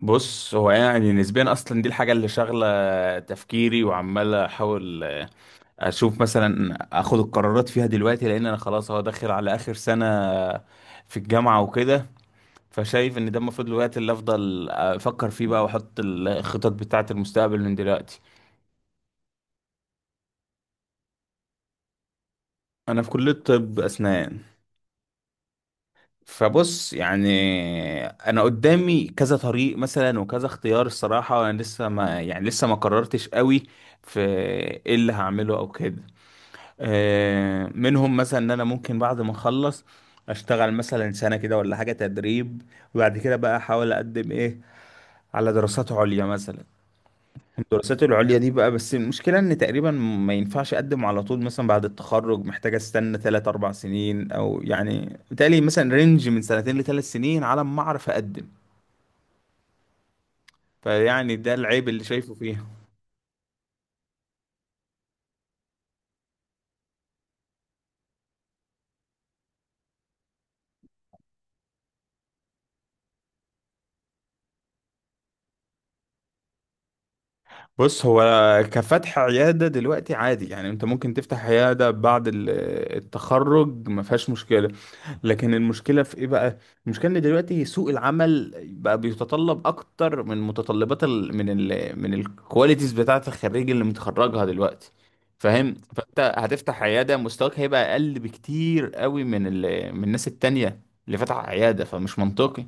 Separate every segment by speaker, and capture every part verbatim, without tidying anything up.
Speaker 1: بص، هو يعني نسبيا اصلا دي الحاجه اللي شاغله تفكيري وعمال احاول اشوف مثلا اخد القرارات فيها دلوقتي، لان انا خلاص هو داخل على اخر سنه في الجامعه وكده. فشايف ان ده المفروض الوقت اللي افضل افكر فيه بقى واحط الخطط بتاعه المستقبل من دلوقتي. انا في كليه طب اسنان. فبص يعني انا قدامي كذا طريق مثلا وكذا اختيار الصراحه، وانا لسه، ما يعني، لسه ما قررتش قوي في ايه اللي هعمله او كده. آه، منهم مثلا ان انا ممكن بعد ما اخلص اشتغل مثلا سنة كده ولا حاجة تدريب، وبعد كده بقى احاول اقدم ايه على دراسات عليا مثلا. الدراسات العليا دي بقى، بس المشكلة ان تقريبا ما ينفعش اقدم على طول مثلا بعد التخرج، محتاج استنى ثلاث اربع سنين، او يعني بالتالي مثلا رينج من سنتين لثلاث سنين على ما اعرف اقدم. فيعني ده العيب اللي شايفه فيها. بص، هو كفتح عيادة دلوقتي عادي يعني، انت ممكن تفتح عيادة بعد ال- التخرج، ما فيهاش مشكلة. لكن المشكلة في ايه بقى؟ المشكلة ان دلوقتي سوق العمل بقى بيتطلب اكتر من متطلبات ال من ال من الكواليتيز بتاعة الخريج اللي متخرجها دلوقتي. فاهم؟ فانت هتفتح عيادة، مستواك هيبقى اقل بكتير قوي من ال من الناس التانية اللي فتح عيادة، فمش منطقي.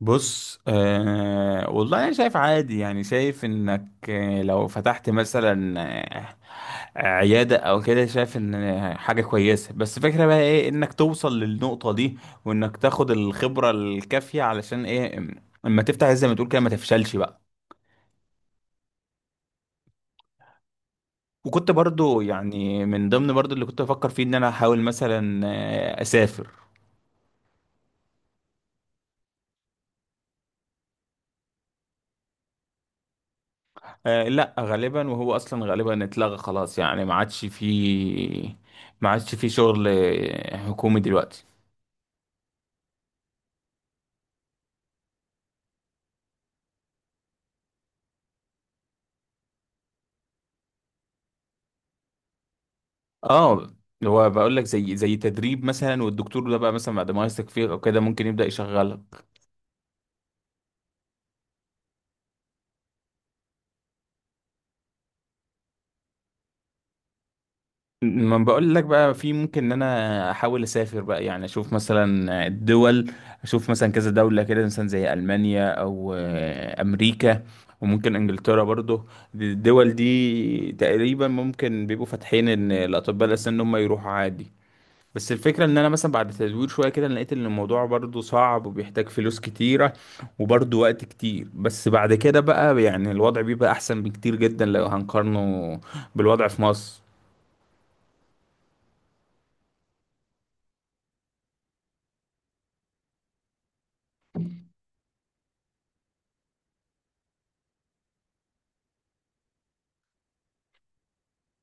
Speaker 1: بص، آه والله انا شايف عادي يعني، شايف انك، آه، لو فتحت مثلا، آه، عيادة او كده، شايف ان، آه، حاجة كويسة، بس فكرة بقى ايه انك توصل للنقطة دي وانك تاخد الخبرة الكافية علشان ايه، م- اما تفتح زي ما تقول كده ما تفشلش بقى. وكنت برضو يعني من ضمن برضو اللي كنت بفكر فيه ان انا احاول مثلا، آه، اسافر. آه لا غالبا، وهو اصلا غالبا اتلغى خلاص، يعني ما عادش فيه ما عادش فيه شغل حكومي دلوقتي. اه هو بقول لك زي زي تدريب مثلا، والدكتور ده بقى مثلا بعد ما يثق فيك او كده ممكن يبدأ يشغلك. ما بقول لك بقى في ممكن ان انا احاول اسافر بقى، يعني اشوف مثلا الدول، اشوف مثلا كذا دولة كده مثلا زي المانيا او، آه، امريكا، وممكن انجلترا برضو. الدول دي تقريبا ممكن بيبقوا فاتحين ان الاطباء الاسنان ان هم يروحوا عادي. بس الفكرة ان انا مثلا بعد تدوير شوية كده لقيت ان الموضوع برضو صعب وبيحتاج فلوس كتيرة وبرضو وقت كتير. بس بعد كده بقى يعني الوضع بيبقى احسن بكتير جدا لو هنقارنه بالوضع في مصر.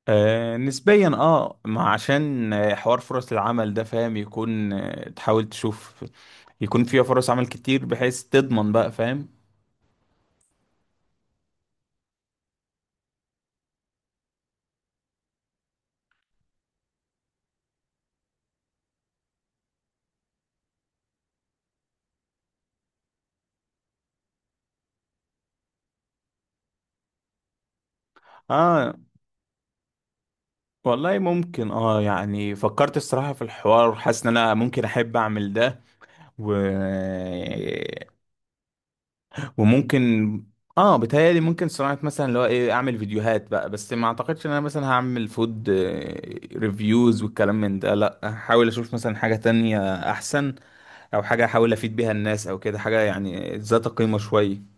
Speaker 1: آه نسبيا اه ما عشان، آه، حوار فرص العمل ده، فاهم، يكون آه، تحاول تشوف يكون فيها فرص عمل كتير بحيث تضمن بقى، فاهم. اه والله ممكن، اه يعني فكرت الصراحة في الحوار، حاسس ان انا ممكن احب اعمل ده و... وممكن، اه بتهيألي ممكن صناعة مثلا، اللي هو ايه، اعمل فيديوهات بقى، بس ما اعتقدش ان انا مثلا هعمل فود ريفيوز والكلام من ده، لا هحاول اشوف مثلا حاجة تانية احسن، او حاجه احاول افيد بيها الناس او كده، حاجه يعني ذات قيمه شويه.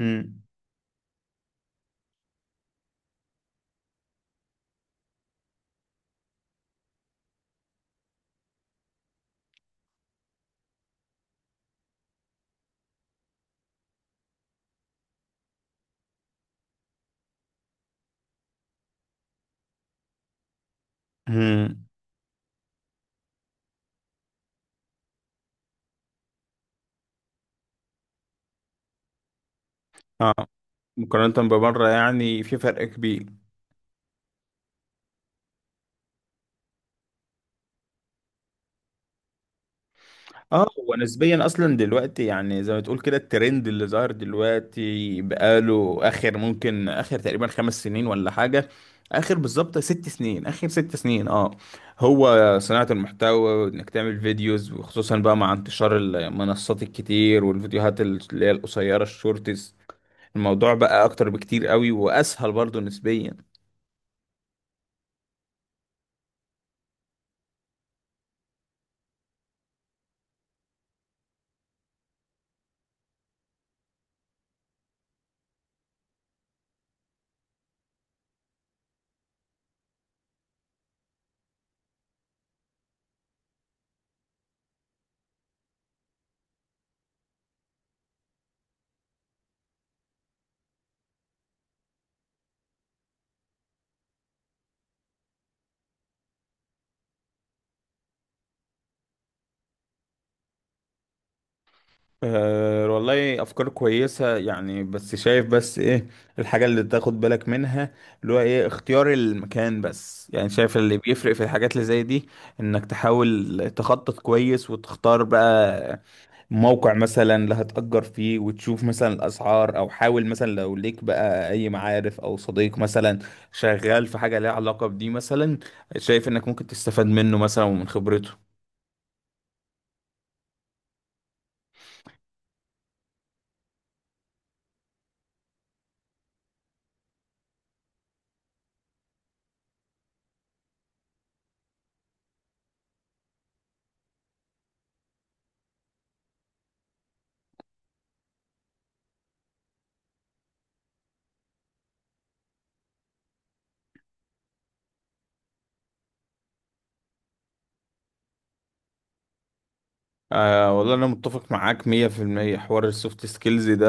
Speaker 1: امم، امم. اه مقارنه ببره يعني في فرق كبير. اه ونسبيا اصلا دلوقتي يعني زي ما تقول كده الترند اللي ظاهر دلوقتي بقاله اخر، ممكن اخر تقريبا خمس سنين ولا حاجه، اخر بالظبط ست سنين، اخر ست سنين. اه هو صناعه المحتوى وانك تعمل فيديوز، وخصوصا بقى مع انتشار المنصات الكتير والفيديوهات اللي هي القصيره، الشورتس. الموضوع بقى اكتر بكتير قوي واسهل برضو نسبيا. أه والله، افكار كويسه يعني، بس شايف بس ايه الحاجه اللي تاخد بالك منها، اللي هو ايه اختيار المكان، بس يعني شايف اللي بيفرق في الحاجات اللي زي دي انك تحاول تخطط كويس وتختار بقى موقع مثلا اللي هتأجر فيه، وتشوف مثلا الاسعار، او حاول مثلا لو ليك بقى اي معارف او صديق مثلا شغال في حاجه ليها علاقه بدي مثلا، شايف انك ممكن تستفاد منه مثلا ومن خبرته. آه والله أنا متفق معاك مية في المية، حوار السوفت سكيلز ده،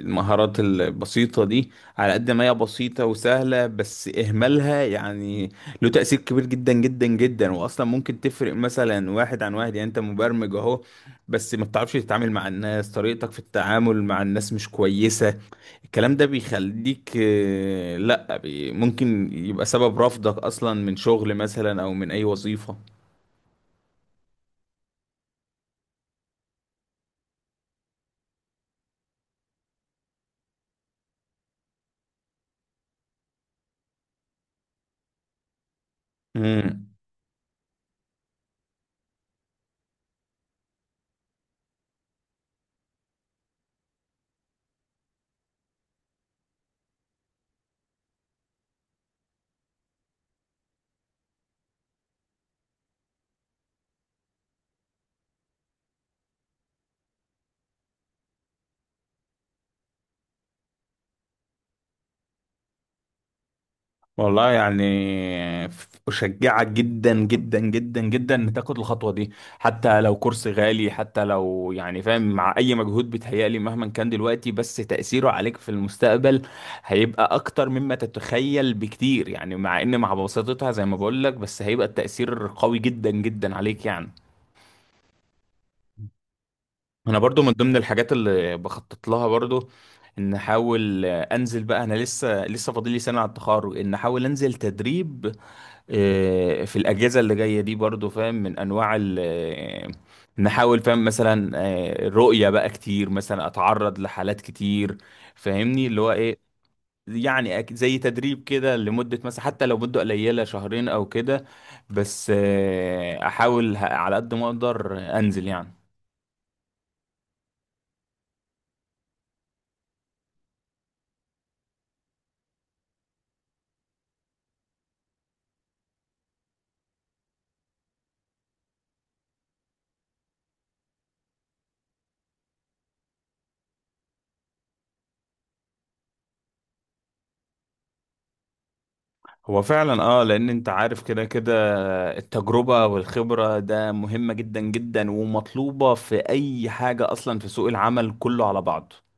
Speaker 1: المهارات البسيطة دي، على قد ما هي بسيطة وسهلة، بس إهمالها يعني له تأثير كبير جدا جدا جدا، وأصلا ممكن تفرق مثلا واحد عن واحد. يعني أنت مبرمج أهو، بس ما بتعرفش تتعامل مع الناس، طريقتك في التعامل مع الناس مش كويسة، الكلام ده بيخليك، آه، لأ، بي- ممكن يبقى سبب رفضك أصلا من شغل مثلا أو من أي وظيفة. مم. والله يعني أشجعك جدا جدا جدا جدا إن تاخد الخطوة دي، حتى لو كورس غالي، حتى لو يعني فاهم، مع أي مجهود بيتهيألي مهما كان دلوقتي، بس تأثيره عليك في المستقبل هيبقى أكتر مما تتخيل بكتير. يعني مع إن، مع بساطتها زي ما بقولك، بس هيبقى التأثير قوي جدا جدا عليك يعني. أنا برضو من ضمن الحاجات اللي بخطط لها برضو ان احاول انزل بقى، انا لسه لسه فاضل لي سنه على التخرج، ان احاول انزل تدريب، آه، في الأجهزة اللي جاية دي، برضو فاهم، من أنواع ال آه، نحاول فاهم مثلا، آه، رؤية بقى كتير مثلا، أتعرض لحالات كتير، فاهمني اللي هو إيه، يعني، أك- زي تدريب كده لمدة مثلا، حتى لو مدة قليلة، شهرين أو كده، بس آه، أحاول ه- على قد ما أقدر أنزل يعني. هو فعلا، اه لان انت عارف كده كده التجربة والخبرة ده مهمة جدا جدا ومطلوبة في اي حاجة اصلا في سوق العمل كله على بعضه.